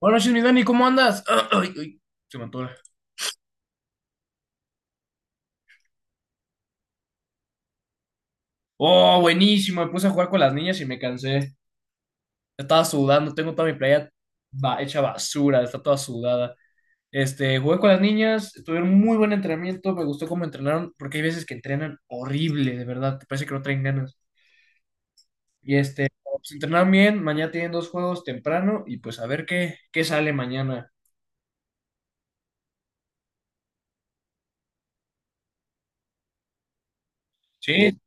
Buenas noches, mi Dani, ¿cómo andas? Ay, ay, se me atora. Oh, buenísimo, me puse a jugar con las niñas y me cansé. Estaba sudando, tengo toda mi playa hecha basura, está toda sudada. Jugué con las niñas, tuvieron muy buen entrenamiento, me gustó cómo entrenaron, porque hay veces que entrenan horrible, de verdad, te parece que no traen ganas. Y pues entrenaron bien, mañana tienen dos juegos temprano y pues a ver qué sale mañana. Sí,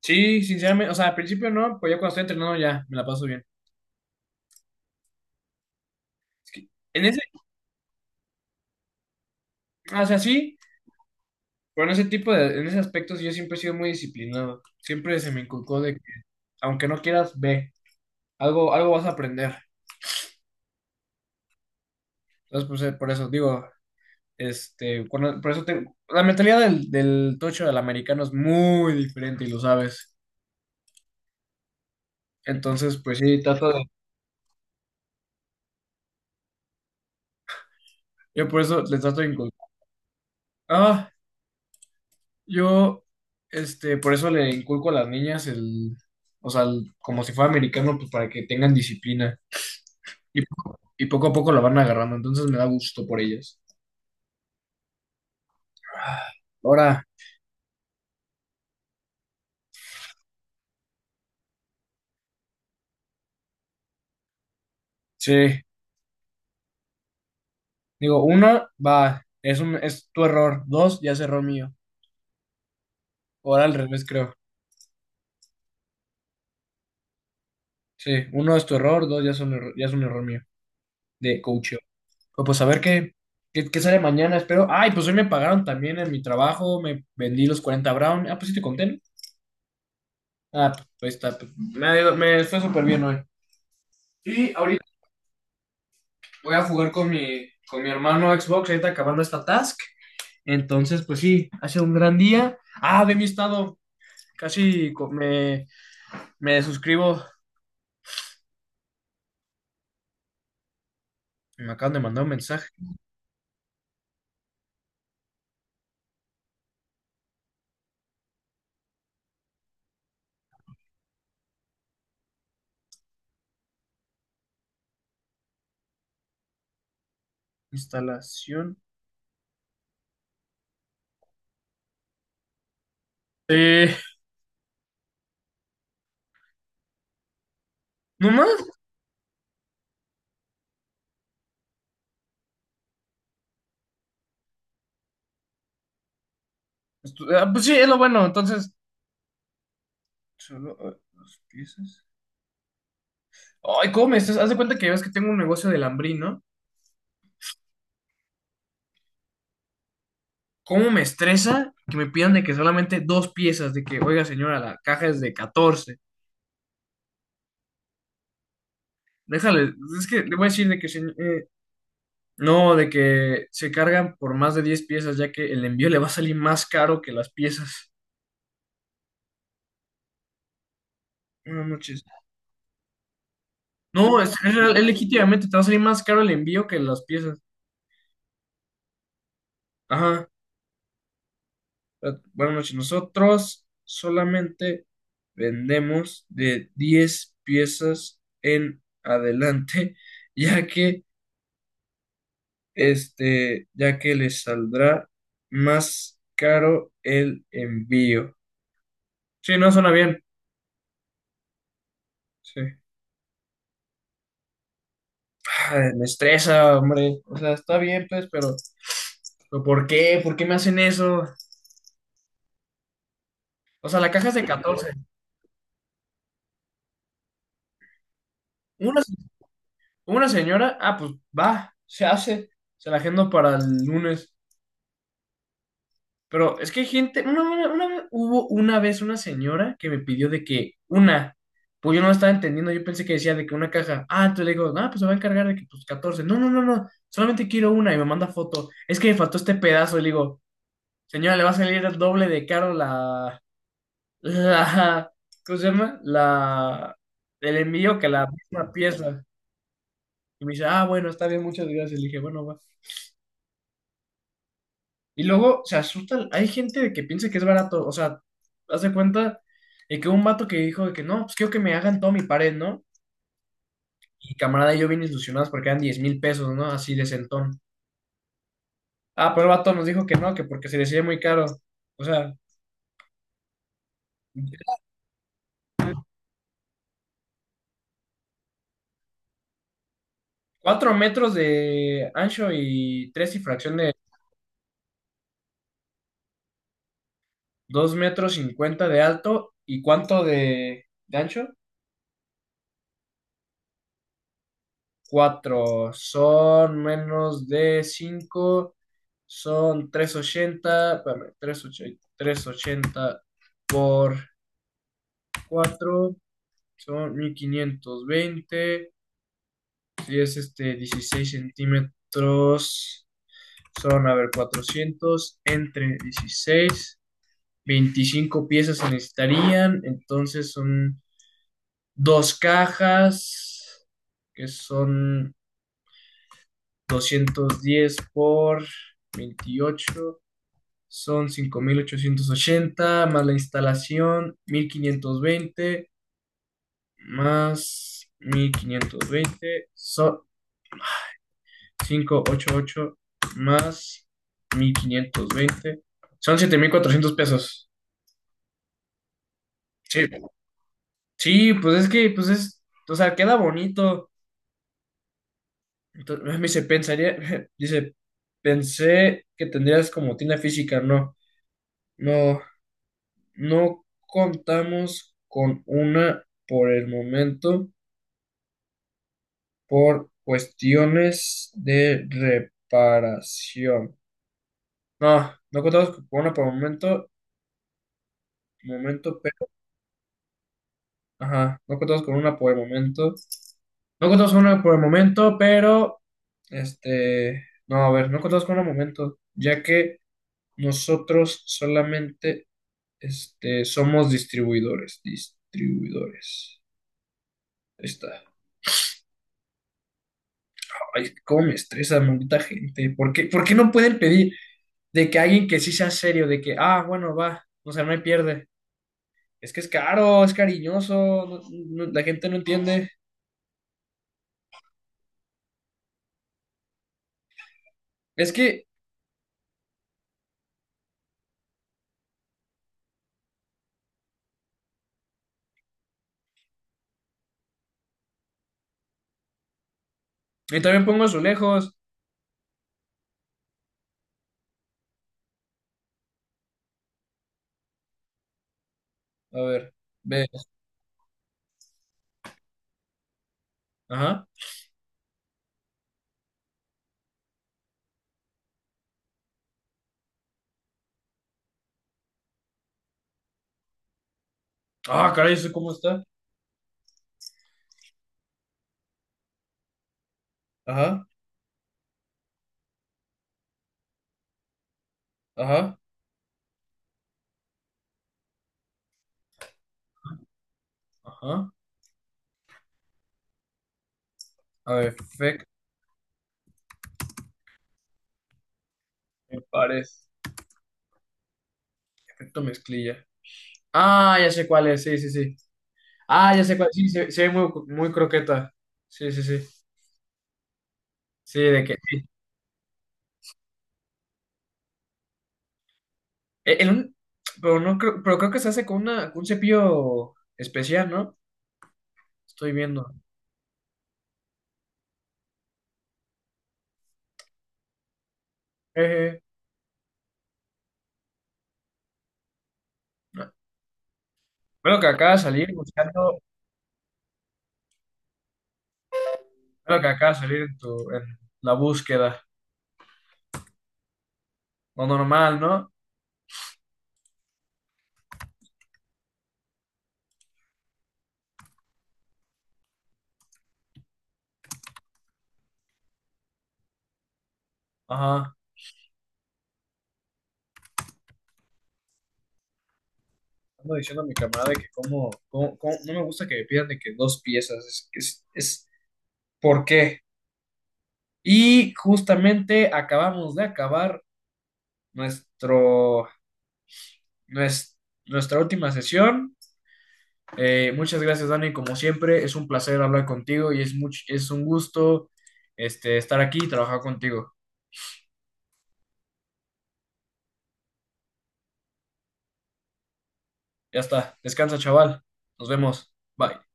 sí, sinceramente, o sea, al principio no, pues ya cuando estoy entrenando ya me la paso bien. Es que en ese, o sea, sí. Pero en ese en ese aspecto sí, yo siempre he sido muy disciplinado. Siempre se me inculcó de que, aunque no quieras, ve, algo vas a aprender. Entonces, pues, por eso digo, la mentalidad del tocho del americano es muy diferente y lo sabes. Entonces, pues sí, yo por eso les trato de inculcar. Ah, yo, por eso le inculco a las niñas el, o sea, el- como si fuera americano, pues para que tengan disciplina. Y, y poco a poco la van agarrando, entonces me da gusto por ellas. Ahora, sí. Digo, uno, va, es tu error. Dos, ya es error mío. Ahora al revés, creo. Sí, uno es tu error, dos ya es un error, ya es un error mío de coaching. Pues a ver qué sale mañana, espero. Ay, pues hoy me pagaron también en mi trabajo, me vendí los 40 Brown. Ah, pues sí te conté, ¿no? Ah, pues ahí está. Me fue súper bien hoy. Y ahorita voy a jugar con con mi hermano Xbox, ahorita acabando esta task. Entonces, pues sí, ha sido un gran día. Ah, ve mi estado. Casi co- me, Me suscribo. Me acaban de mandar un mensaje. Instalación. Eh, ¿No más? Ah, pues sí, es lo bueno. Entonces, solo dos piezas. Ay, ¿cómo me estresas? Haz de cuenta que ves que tengo un negocio de lambrín, ¿no? ¿Cómo me estresa que me pidan de que solamente dos piezas? De que, oiga, señora, la caja es de catorce. Déjale, es que le voy a decir de que no, de que se cargan por más de 10 piezas, ya que el envío le va a salir más caro que las piezas. Buenas noches. No, es real, es legítimamente, te va a salir más caro el envío que las piezas. Ajá. Buenas noches. Nosotros solamente vendemos de 10 piezas en adelante, ya que ya que les saldrá más caro el envío. Sí, no suena bien. Sí. Ay, me estresa, hombre. O sea, está bien, pues, pero ¿por qué? ¿Por qué me hacen eso? O sea, la caja es de catorce. Una Una señora, ah, pues va, se la agendo para el lunes. Pero es que hay gente, hubo una vez una señora que me pidió de que pues yo no la estaba entendiendo, yo pensé que decía de que una caja, ah, entonces le digo, ah, pues se va a encargar de que pues 14 no, solamente quiero una y me manda foto, es que me faltó este pedazo y le digo, señora, le va a salir el doble de caro la, ¿cómo se llama? El envío que la misma pieza. Y me dice, ah, bueno, está bien, muchas gracias. Le dije, bueno, va. Y luego se asusta, hay gente de que piensa que es barato, o sea, haz de cuenta de que hubo un vato que dijo de que no, pues quiero que me hagan toda mi pared, ¿no? Y camarada y yo bien ilusionados porque eran 10,000 pesos, ¿no? Así de centón. Ah, pero el vato nos dijo que no, que porque se decía muy caro. O sea, 4 metros de ancho y tres y fracción de 2 metros cincuenta de alto, ¿y cuánto de ancho? Cuatro son menos de cinco, son 380, espérame, 380, 80 por 4 son 1,520, si es este 16 centímetros, son, a ver, 400 entre 16, 25 piezas se necesitarían, entonces son dos cajas que son 210 por 28, son 5,880, más la instalación 1,520, más 1,520 son 588, más mil quinientos veinte son 7,400 pesos. Sí, sí, pues es que, pues es, o sea, queda bonito. Entonces, me dice, pensaría, dice, pensé que tendrías como tienda física, no, no. No contamos con una por el momento por cuestiones de reparación. No, no contamos con una por el momento, pero, ajá, no contamos con una por el momento. No contamos con una por el momento, pero, no contamos con una momento, ya que nosotros solamente somos distribuidores. Ahí está. Ay, cómo me estresa, maldita gente. Por qué no pueden pedir de que alguien que sí sea serio, de que, ah, bueno, va, o sea, no hay pierde? Es que es caro, es cariñoso, no- la gente no entiende. Es que, y también pongo azulejos. A ver, ve, ajá. Ah, caray, ¿eso cómo está? Ajá, ajá, ajá. A ver, me parece. Efecto mezclilla. Ah, ya sé cuál es, sí, sí, sí. Ah, ya sé cuál, sí, se ve muy croqueta. Sí, sí, sí. Sí, de que. Sí. E- en un- pero, no creo, pero creo que se hace con un cepillo especial, ¿no? Estoy viendo. Eje. No. Que acaba de salir buscando. Ve que acaba de salir en la búsqueda. Lo normal, ¿no? Ajá. Ando diciendo a mi camarada que no me gusta que me pidan de que dos piezas. Es ¿por qué? Y justamente acabamos de acabar nuestro, nues- nuestra última sesión. Muchas gracias, Dani. Como siempre, es un placer hablar contigo y es es un gusto estar aquí y trabajar contigo. Ya está. Descansa, chaval. Nos vemos. Bye.